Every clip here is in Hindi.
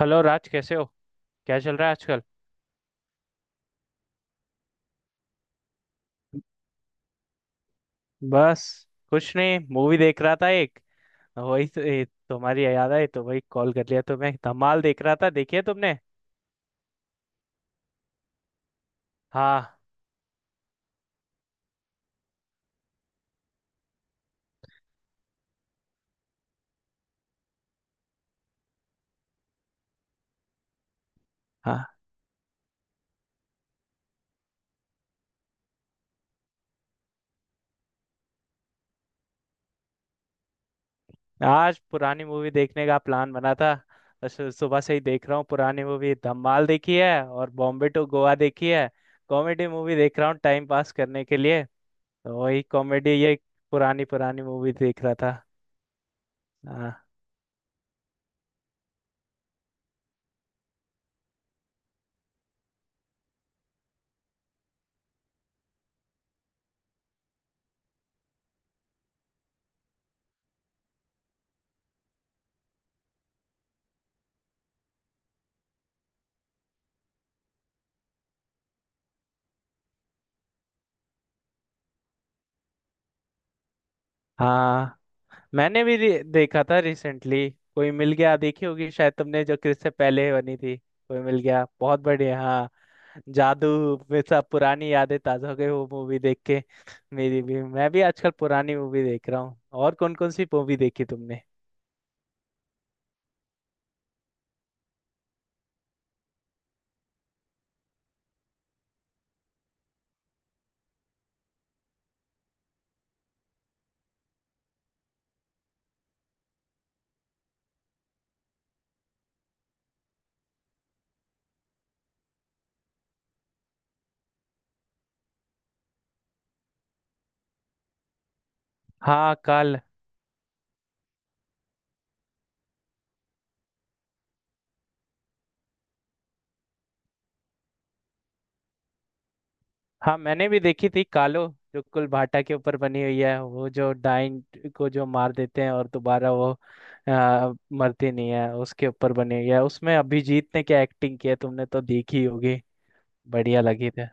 हेलो राज, कैसे हो? क्या चल रहा है आजकल? बस कुछ नहीं, मूवी देख रहा था एक। वही तो, ये तुम्हारी याद आई तो वही कॉल कर लिया तुम्हें। धमाल देख रहा था, देखी है तुमने? हाँ। हाँ, आज पुरानी मूवी देखने का प्लान बना था। बस सुबह से ही देख रहा हूँ पुरानी मूवी। धमाल देखी है और बॉम्बे टू गोवा देखी है। कॉमेडी मूवी देख रहा हूँ टाइम पास करने के लिए। तो वही कॉमेडी, ये पुरानी पुरानी मूवी देख रहा था। हाँ। हाँ, मैंने भी देखा था रिसेंटली। कोई मिल गया देखी होगी शायद तुमने, जो क्रिस से पहले बनी थी, कोई मिल गया, बहुत बढ़िया हाँ। जादू में सब पुरानी यादें ताजा हो गई वो मूवी देख के। मेरी भी मैं भी आजकल पुरानी मूवी देख रहा हूँ। और कौन कौन सी मूवी देखी तुमने? हाँ काल। हाँ मैंने भी देखी थी कालो, जो कुलभाटा के ऊपर बनी हुई है। वो जो डाइन को जो मार देते हैं और दोबारा वो मरती नहीं है, उसके ऊपर बनी हुई है। उसमें अभिजीत ने क्या एक्टिंग की है, तुमने तो देखी होगी। बढ़िया लगी थी।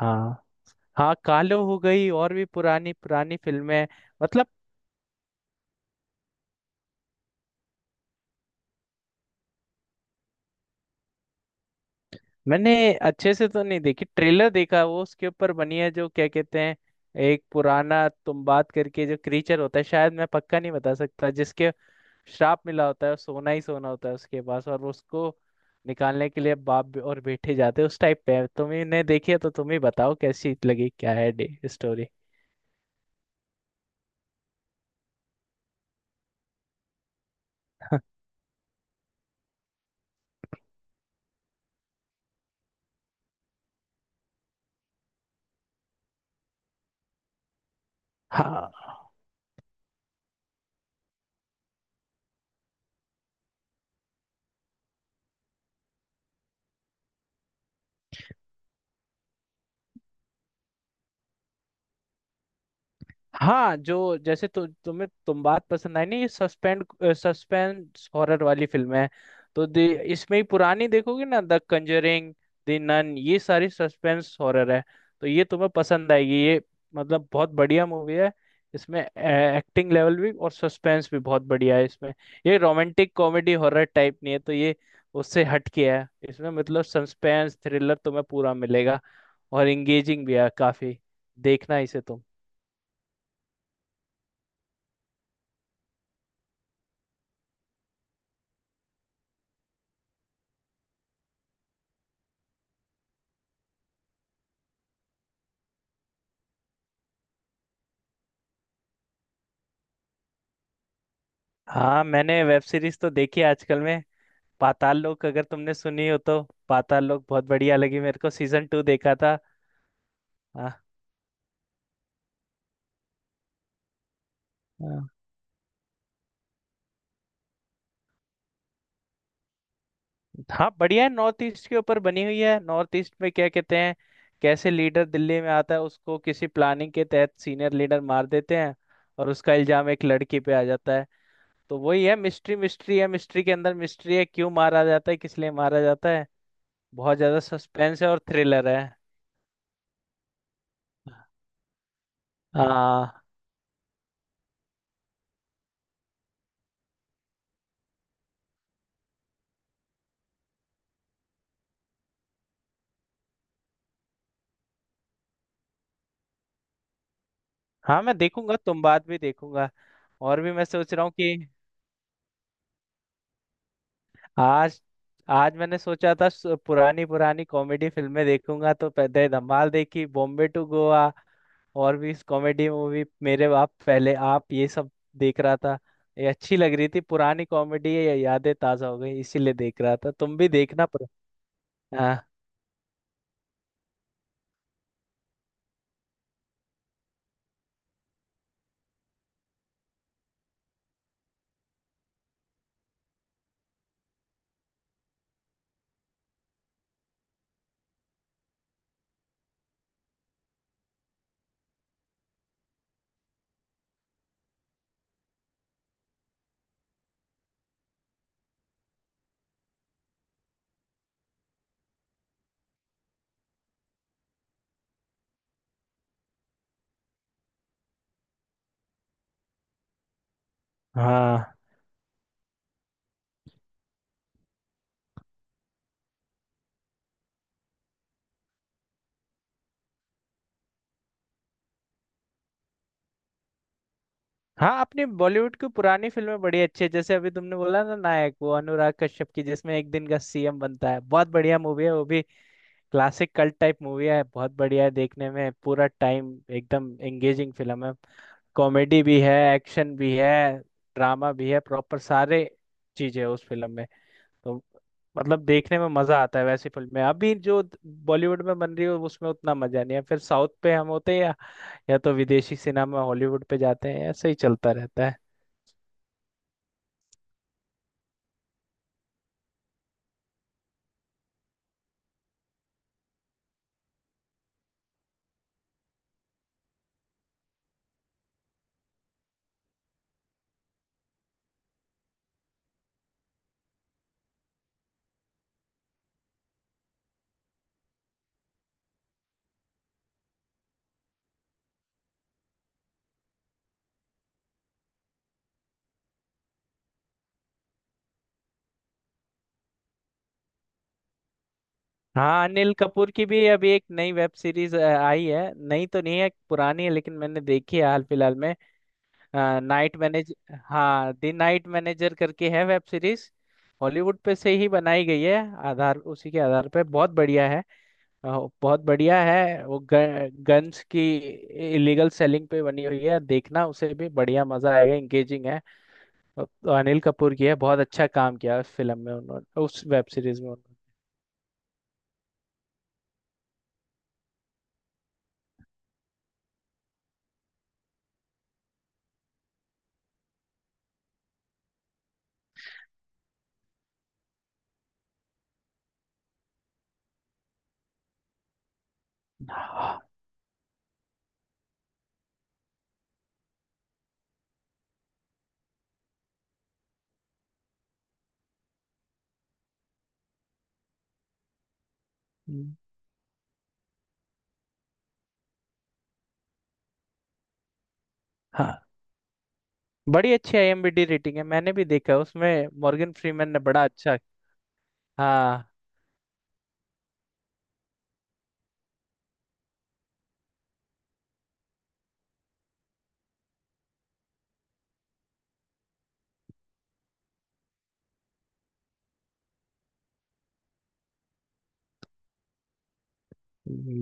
हाँ। हाँ कालो हो गई और भी पुरानी पुरानी फिल्में। मतलब मैंने अच्छे से तो नहीं देखी, ट्रेलर देखा। वो उसके ऊपर बनी है जो क्या कहते हैं, एक पुराना तुम बात करके जो क्रीचर होता है, शायद मैं पक्का नहीं बता सकता, जिसके श्राप मिला होता है। वो सोना ही सोना होता है उसके पास और उसको निकालने के लिए बाप और बेटे जाते हैं। उस टाइप पे है। तुमने देखी है तो तुम ही बताओ कैसी लगी, क्या है डे स्टोरी। हाँ। हाँ जो जैसे तुम्हें तुम बात पसंद आई ना, ये सस्पेंड सस्पेंस हॉरर वाली फिल्म है। तो इसमें ही पुरानी देखोगे ना, द कंजरिंग, द नन, ये सारी सस्पेंस हॉरर है। तो ये तुम्हें पसंद आएगी ये, मतलब बहुत बढ़िया मूवी है। इसमें एक्टिंग लेवल भी और सस्पेंस भी बहुत बढ़िया है इसमें। ये रोमांटिक कॉमेडी हॉरर टाइप नहीं है, तो ये उससे हटके है। इसमें मतलब सस्पेंस थ्रिलर तुम्हें पूरा मिलेगा और एंगेजिंग भी है काफी। देखना इसे तुम। हाँ मैंने वेब सीरीज तो देखी है आजकल में। पाताल लोक, अगर तुमने सुनी हो तो। पाताल लोक बहुत बढ़िया लगी मेरे को, सीजन टू देखा था। हाँ हाँ। हाँ, बढ़िया है। नॉर्थ ईस्ट के ऊपर बनी हुई है। नॉर्थ ईस्ट में क्या कहते हैं, कैसे लीडर दिल्ली में आता है, उसको किसी प्लानिंग के तहत सीनियर लीडर मार देते हैं, और उसका इल्जाम एक लड़की पे आ जाता है। तो वही है मिस्ट्री, मिस्ट्री है, मिस्ट्री के अंदर मिस्ट्री है, क्यों मारा जाता है, किस लिए मारा जाता है। बहुत ज्यादा सस्पेंस है और थ्रिलर है। हाँ। हाँ मैं देखूंगा, तुम बात भी देखूंगा। और भी मैं सोच रहा हूँ कि आज। आज मैंने सोचा था पुरानी पुरानी कॉमेडी फिल्में देखूंगा। तो पहले धमाल देखी, बॉम्बे टू गोवा, और भी कॉमेडी मूवी, मेरे बाप पहले आप, ये सब देख रहा था। ये अच्छी लग रही थी, पुरानी कॉमेडी है ये, यादें ताजा हो गई, इसीलिए देख रहा था। तुम भी देखना पर। हाँ। हाँ। हाँ अपनी बॉलीवुड की पुरानी फिल्में बड़ी अच्छी है। जैसे अभी तुमने बोला ना नायक, वो अनुराग कश्यप की, जिसमें एक दिन का सीएम बनता है, बहुत बढ़िया मूवी है वो भी। क्लासिक कल्ट टाइप मूवी है, बहुत बढ़िया है, देखने में पूरा टाइम एकदम एंगेजिंग फिल्म है। कॉमेडी भी है, एक्शन भी है, ड्रामा भी है, प्रॉपर सारे चीजें उस फिल्म में। तो मतलब देखने में मजा आता है वैसी फिल्म में। अभी जो बॉलीवुड में बन रही है उसमें उतना मजा नहीं है, फिर साउथ पे हम होते हैं या तो विदेशी सिनेमा हॉलीवुड पे जाते हैं, ऐसे ही चलता रहता है। हाँ अनिल कपूर की भी अभी एक नई वेब सीरीज आई है। नई तो नहीं है पुरानी है, लेकिन मैंने देखी है हाल फिलहाल में। Night manage. हाँ द नाइट मैनेजर करके है वेब सीरीज। हॉलीवुड पे से ही बनाई गई है, आधार उसी के आधार पे। बहुत बढ़िया है। अ, बहुत बढ़िया है। वो गन्स की इलीगल सेलिंग पे बनी हुई है। देखना उसे भी, बढ़िया मजा आएगा, इंगेजिंग है। अ, अनिल कपूर की है, बहुत अच्छा काम किया उस फिल्म में उन्होंने, उस वेब सीरीज में उन्होंने। हाँ। हम्म, हाँ। बड़ी अच्छी आईएमबी रेटिंग है, मैंने भी देखा, उसमें मॉर्गन फ्रीमैन ने बड़ा अच्छा। हाँ।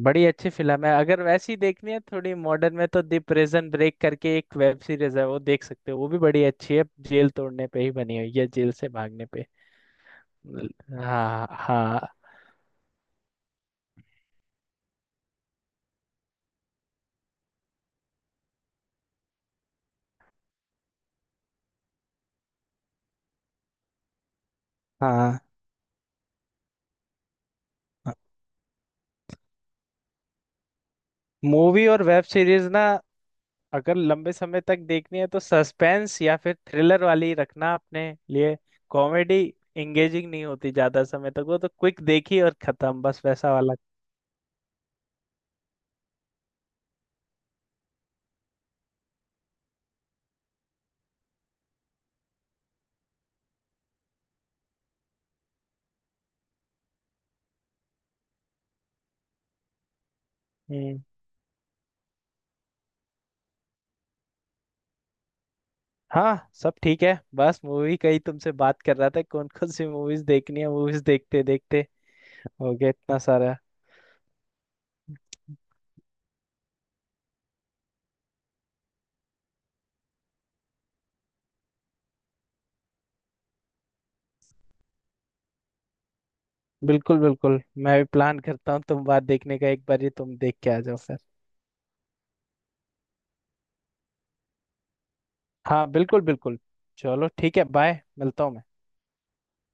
बड़ी अच्छी फिल्म है। अगर वैसी देखनी है थोड़ी मॉडर्न में तो द प्रिजन ब्रेक करके एक वेब सीरीज है, वो देख सकते हो, वो भी बड़ी अच्छी है। जेल तोड़ने पे ही बनी हुई है, जेल से भागने पे। ल- हाँ हाँ। हाँ मूवी और वेब सीरीज ना, अगर लंबे समय तक देखनी है तो सस्पेंस या फिर थ्रिलर वाली रखना अपने लिए। कॉमेडी एंगेजिंग नहीं होती ज्यादा समय तक, वो तो क्विक देखी और खत्म, बस वैसा वाला। हाँ सब ठीक है। बस मूवी का ही तुमसे बात कर रहा था, कौन कौन सी मूवीज देखनी है, मूवीज देखते देखते हो गया इतना सारा। बिल्कुल बिल्कुल। मैं भी प्लान करता हूँ तुम बात देखने का, एक बार ही तुम देख के आ जाओ फिर। हाँ बिल्कुल बिल्कुल। चलो ठीक है, बाय, मिलता हूँ मैं।